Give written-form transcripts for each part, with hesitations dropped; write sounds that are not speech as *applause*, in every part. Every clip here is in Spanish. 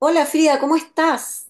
Hola Frida, ¿cómo estás?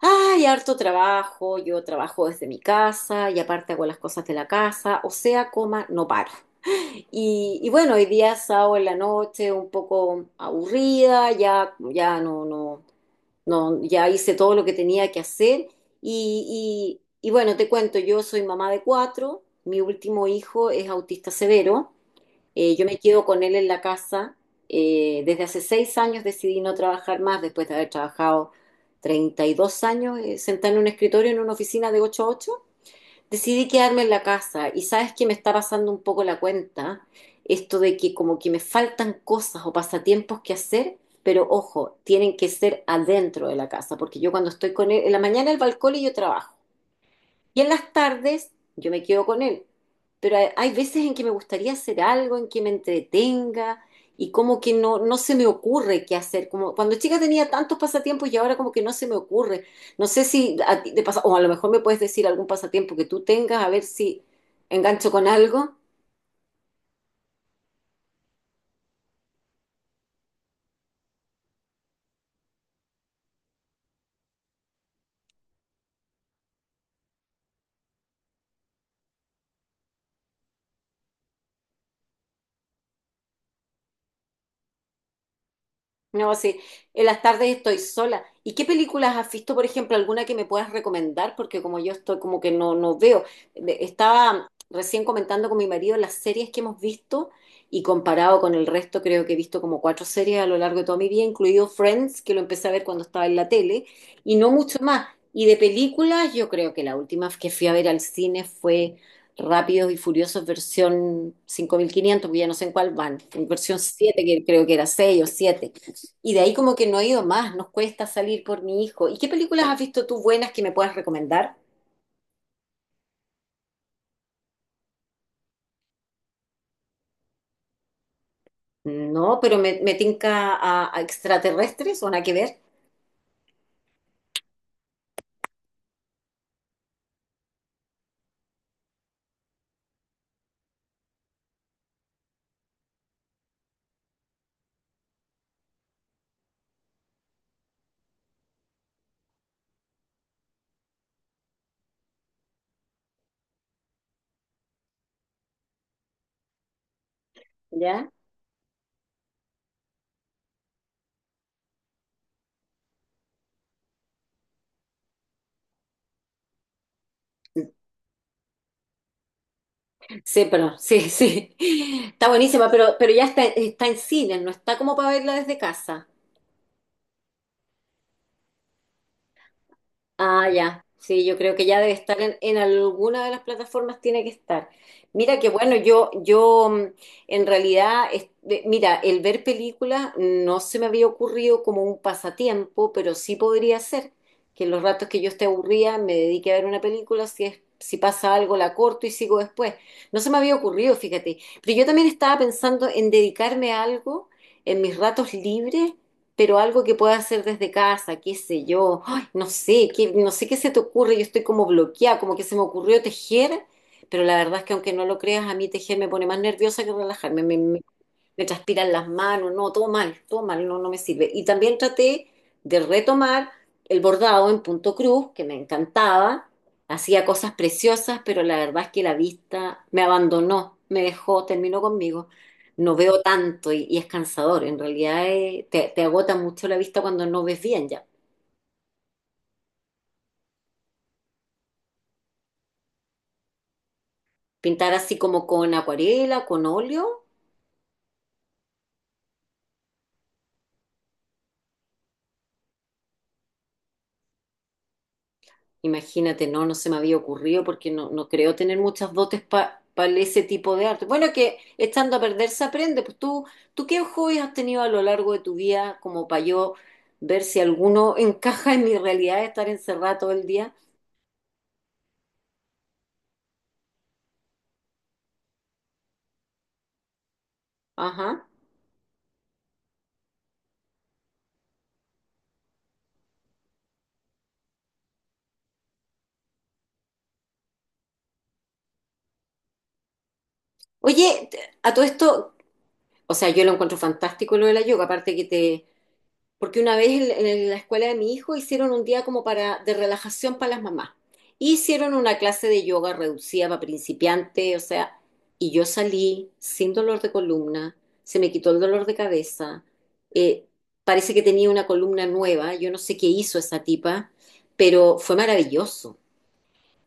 Ay, harto trabajo, yo trabajo desde mi casa y aparte hago las cosas de la casa, o sea, coma, no paro. Y bueno, hoy día sábado en la noche, un poco aburrida, ya, ya no, no, no, ya hice todo lo que tenía que hacer. Y bueno, te cuento, yo soy mamá de cuatro, mi último hijo es autista severo. Yo me quedo con él en la casa. Desde hace 6 años decidí no trabajar más, después de haber trabajado 32 años sentada en un escritorio, en una oficina de 8 a 8. Decidí quedarme en la casa y sabes que me está pasando un poco la cuenta, esto de que como que me faltan cosas o pasatiempos que hacer, pero ojo, tienen que ser adentro de la casa, porque yo cuando estoy con él, en la mañana el balcón y yo trabajo. Y en las tardes yo me quedo con él. Pero hay veces en que me gustaría hacer algo, en que me entretenga y como que no, no se me ocurre qué hacer. Como cuando chica tenía tantos pasatiempos y ahora como que no se me ocurre. No sé si a ti te pasa, o a lo mejor me puedes decir algún pasatiempo que tú tengas, a ver si engancho con algo. No, sí, en las tardes estoy sola. ¿Y qué películas has visto, por ejemplo, alguna que me puedas recomendar? Porque como yo estoy como que no, no veo. Estaba recién comentando con mi marido las series que hemos visto y comparado con el resto, creo que he visto como cuatro series a lo largo de toda mi vida, incluido Friends, que lo empecé a ver cuando estaba en la tele, y no mucho más. Y de películas, yo creo que la última que fui a ver al cine fue Rápidos y Furiosos versión 5500, porque ya no sé en cuál van, en versión 7 que creo que era 6 o 7. Y de ahí como que no he ido más, nos cuesta salir por mi hijo. ¿Y qué películas has visto tú buenas que me puedas recomendar? No, pero me tinca a extraterrestres o nada que ver, ¿ya? Sí, pero *laughs* sí, sí. Está buenísima, pero ya está en cine, no está como para verla desde casa. Ah, ya. Sí, yo creo que ya debe estar en, alguna de las plataformas, tiene que estar. Mira que bueno, yo en realidad, mira, el ver películas no se me había ocurrido como un pasatiempo, pero sí podría ser que en los ratos que yo esté aburrida me dedique a ver una película, si pasa algo la corto y sigo después. No se me había ocurrido, fíjate. Pero yo también estaba pensando en dedicarme a algo en mis ratos libres, pero algo que pueda hacer desde casa, qué sé yo. No sé qué se te ocurre, yo estoy como bloqueada, como que se me ocurrió tejer, pero la verdad es que aunque no lo creas, a mí tejer me pone más nerviosa que relajarme, me transpiran las manos, no, todo mal, no, no me sirve. Y también traté de retomar el bordado en punto cruz, que me encantaba, hacía cosas preciosas, pero la verdad es que la vista me abandonó, me dejó, terminó conmigo. No veo tanto y es cansador, en realidad te agota mucho la vista cuando no ves bien ya. Pintar así como con acuarela, con óleo, imagínate, no, no se me había ocurrido porque no, no creo tener muchas dotes para ese tipo de arte. Bueno, que estando a perder se aprende, pues tú, ¿tú qué hobbies has tenido a lo largo de tu vida como para yo ver si alguno encaja en mi realidad de estar encerrada todo el día? Ajá. Oye, a todo esto, o sea, yo lo encuentro fantástico lo de la yoga, aparte que te porque una vez en, la escuela de mi hijo hicieron un día como para de relajación para las mamás. Hicieron una clase de yoga reducida para principiantes, o sea, y yo salí sin dolor de columna, se me quitó el dolor de cabeza, eh, parece que tenía una columna nueva, yo no sé qué hizo esa tipa, pero fue maravilloso.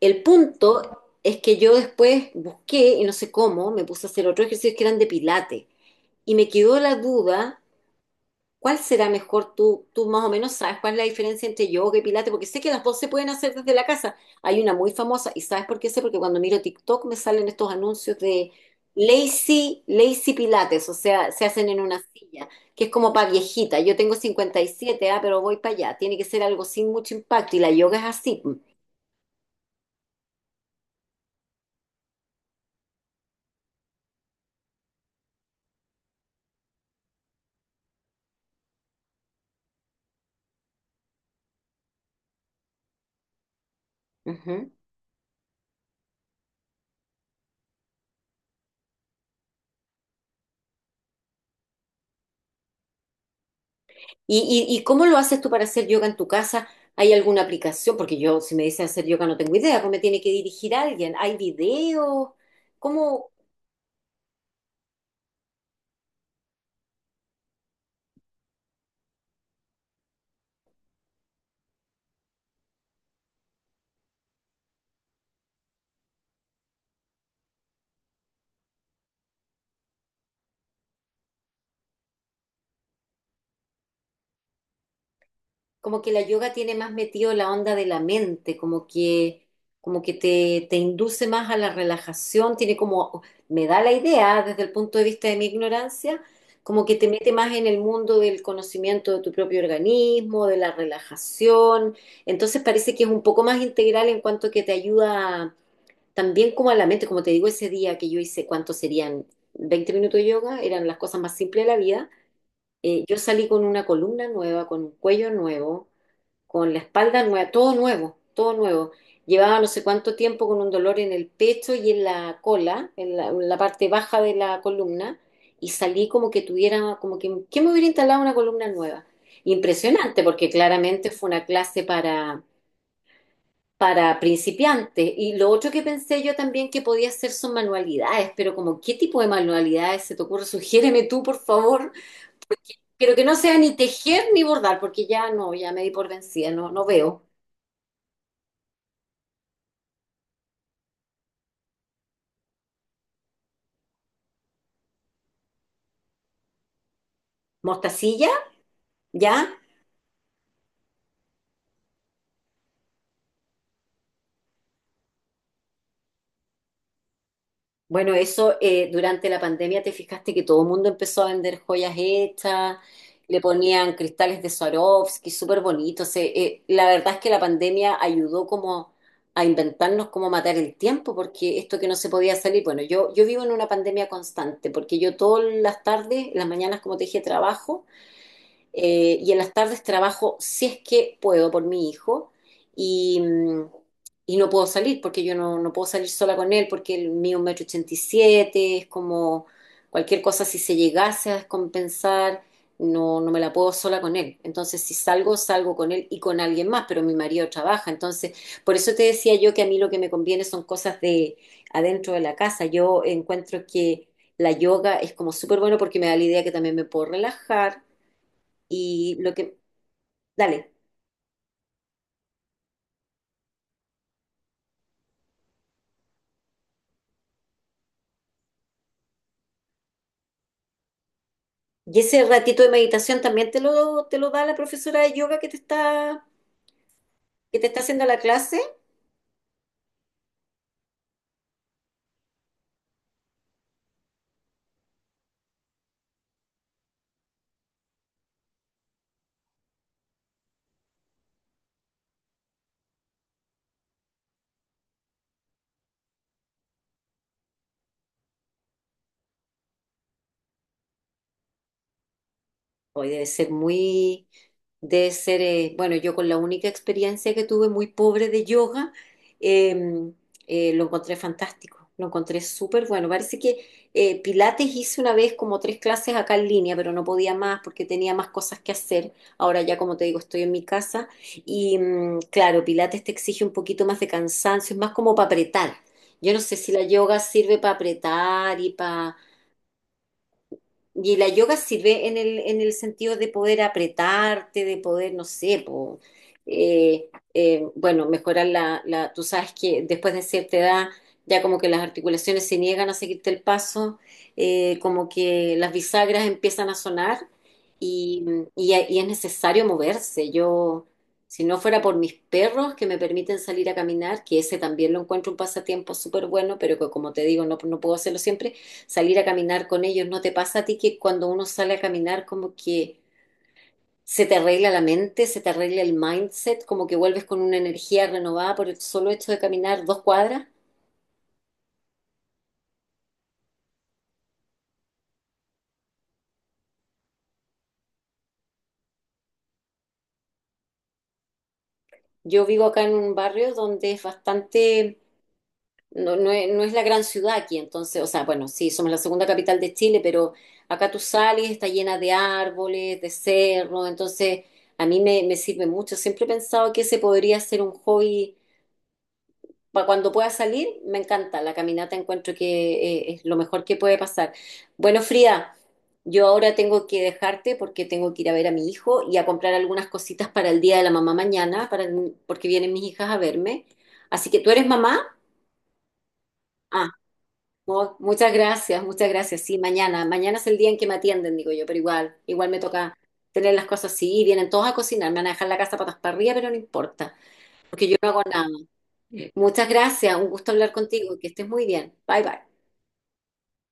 El punto es que yo después busqué, y no sé cómo, me puse a hacer otros ejercicios que eran de pilates, y me quedó la duda. ¿Cuál será mejor? Tú más o menos sabes cuál es la diferencia entre yoga y pilates, porque sé que las dos se pueden hacer desde la casa. Hay una muy famosa, y ¿sabes por qué sé? Porque cuando miro TikTok me salen estos anuncios de lazy pilates, o sea, se hacen en una silla, que es como para viejita. Yo tengo 57 pero voy para allá. Tiene que ser algo sin mucho impacto, y la yoga es así. Ujú. ¿Y cómo lo haces tú para hacer yoga en tu casa? ¿Hay alguna aplicación? Porque yo, si me dicen hacer yoga, no tengo idea, cómo me tiene que dirigir alguien. ¿Hay videos? ¿Cómo, Como que la yoga tiene más metido la onda de la mente, como que te induce más a la relajación, me da la idea desde el punto de vista de mi ignorancia, como que te mete más en el mundo del conocimiento de tu propio organismo, de la relajación, entonces parece que es un poco más integral en cuanto que te ayuda también como a la mente, como te digo, ese día que yo hice, ¿cuánto serían? 20 minutos de yoga, eran las cosas más simples de la vida. Yo salí con una columna nueva, con un cuello nuevo, con la espalda nueva, todo nuevo, todo nuevo. Llevaba no sé cuánto tiempo con un dolor en el pecho y en la cola, en la, parte baja de la columna, y salí como que tuviera, que me hubiera instalado una columna nueva. Impresionante, porque claramente fue una clase para, principiantes. Y lo otro que pensé yo también que podía hacer son manualidades, pero como, ¿qué tipo de manualidades se te ocurre? Sugiéreme tú, por favor. Pero que no sea ni tejer ni bordar, porque ya no, ya me di por vencida, no, no veo. ¿Mostacilla? ¿Ya? Bueno, eso durante la pandemia te fijaste que todo el mundo empezó a vender joyas hechas, le ponían cristales de Swarovski, súper bonitos. La verdad es que la pandemia ayudó como a inventarnos cómo matar el tiempo, porque esto que no se podía salir, bueno, yo vivo en una pandemia constante, porque yo todas las tardes, las mañanas, como te dije, trabajo. Y en las tardes trabajo si es que puedo por mi hijo y, y no puedo salir porque yo no, no puedo salir sola con él porque el mío es un metro ochenta y siete, es como cualquier cosa si se llegase a descompensar, no, no me la puedo sola con él. Entonces si salgo, salgo con él y con alguien más, pero mi marido trabaja. Entonces, por eso te decía yo que a mí lo que me conviene son cosas de adentro de la casa. Yo encuentro que... La yoga es como súper bueno porque me da la idea que también me puedo relajar, y lo que, dale, y ese ratito de meditación también te lo da la profesora de yoga que te está haciendo la clase. Hoy debe ser muy, bueno, yo con la única experiencia que tuve muy pobre de yoga, eh, lo encontré fantástico, lo encontré súper bueno. Parece que Pilates hice una vez como tres clases acá en línea, pero no podía más porque tenía más cosas que hacer. Ahora ya, como te digo, estoy en mi casa y claro, Pilates te exige un poquito más de cansancio, es más como para apretar. Yo no sé si la yoga sirve para apretar y para y la yoga sirve en el, sentido de poder apretarte, de poder, no sé, po, bueno, mejorar tú sabes que después de cierta edad ya como que las articulaciones se niegan a seguirte el paso, como que las bisagras empiezan a sonar y, y es necesario moverse. Yo, si no fuera por mis perros que me permiten salir a caminar, que ese también lo encuentro un pasatiempo súper bueno, pero que como te digo, no, no puedo hacerlo siempre salir a caminar con ellos. ¿No te pasa a ti que cuando uno sale a caminar como que se te arregla la mente, se te arregla el mindset, como que vuelves con una energía renovada por el solo hecho de caminar dos cuadras? Yo vivo acá en un barrio donde es bastante, no, no es la gran ciudad aquí, entonces, o sea, bueno, sí, somos la segunda capital de Chile, pero acá tú sales, está llena de árboles, de cerros, entonces a mí me sirve mucho. Siempre he pensado que ese podría ser un hobby para cuando pueda salir, me encanta. La caminata encuentro que es lo mejor que puede pasar. Bueno, Frida, yo ahora tengo que dejarte porque tengo que ir a ver a mi hijo y a comprar algunas cositas para el día de la mamá mañana, porque vienen mis hijas a verme. Así que tú eres mamá. Ah, muchas gracias, muchas gracias. Sí, mañana. Mañana es el día en que me atienden, digo yo, pero igual, igual me toca tener las cosas así. Y vienen todos a cocinar, me van a dejar la casa patas para arriba, pero no importa, porque yo no hago nada. Muchas gracias, un gusto hablar contigo, que estés muy bien. Bye bye.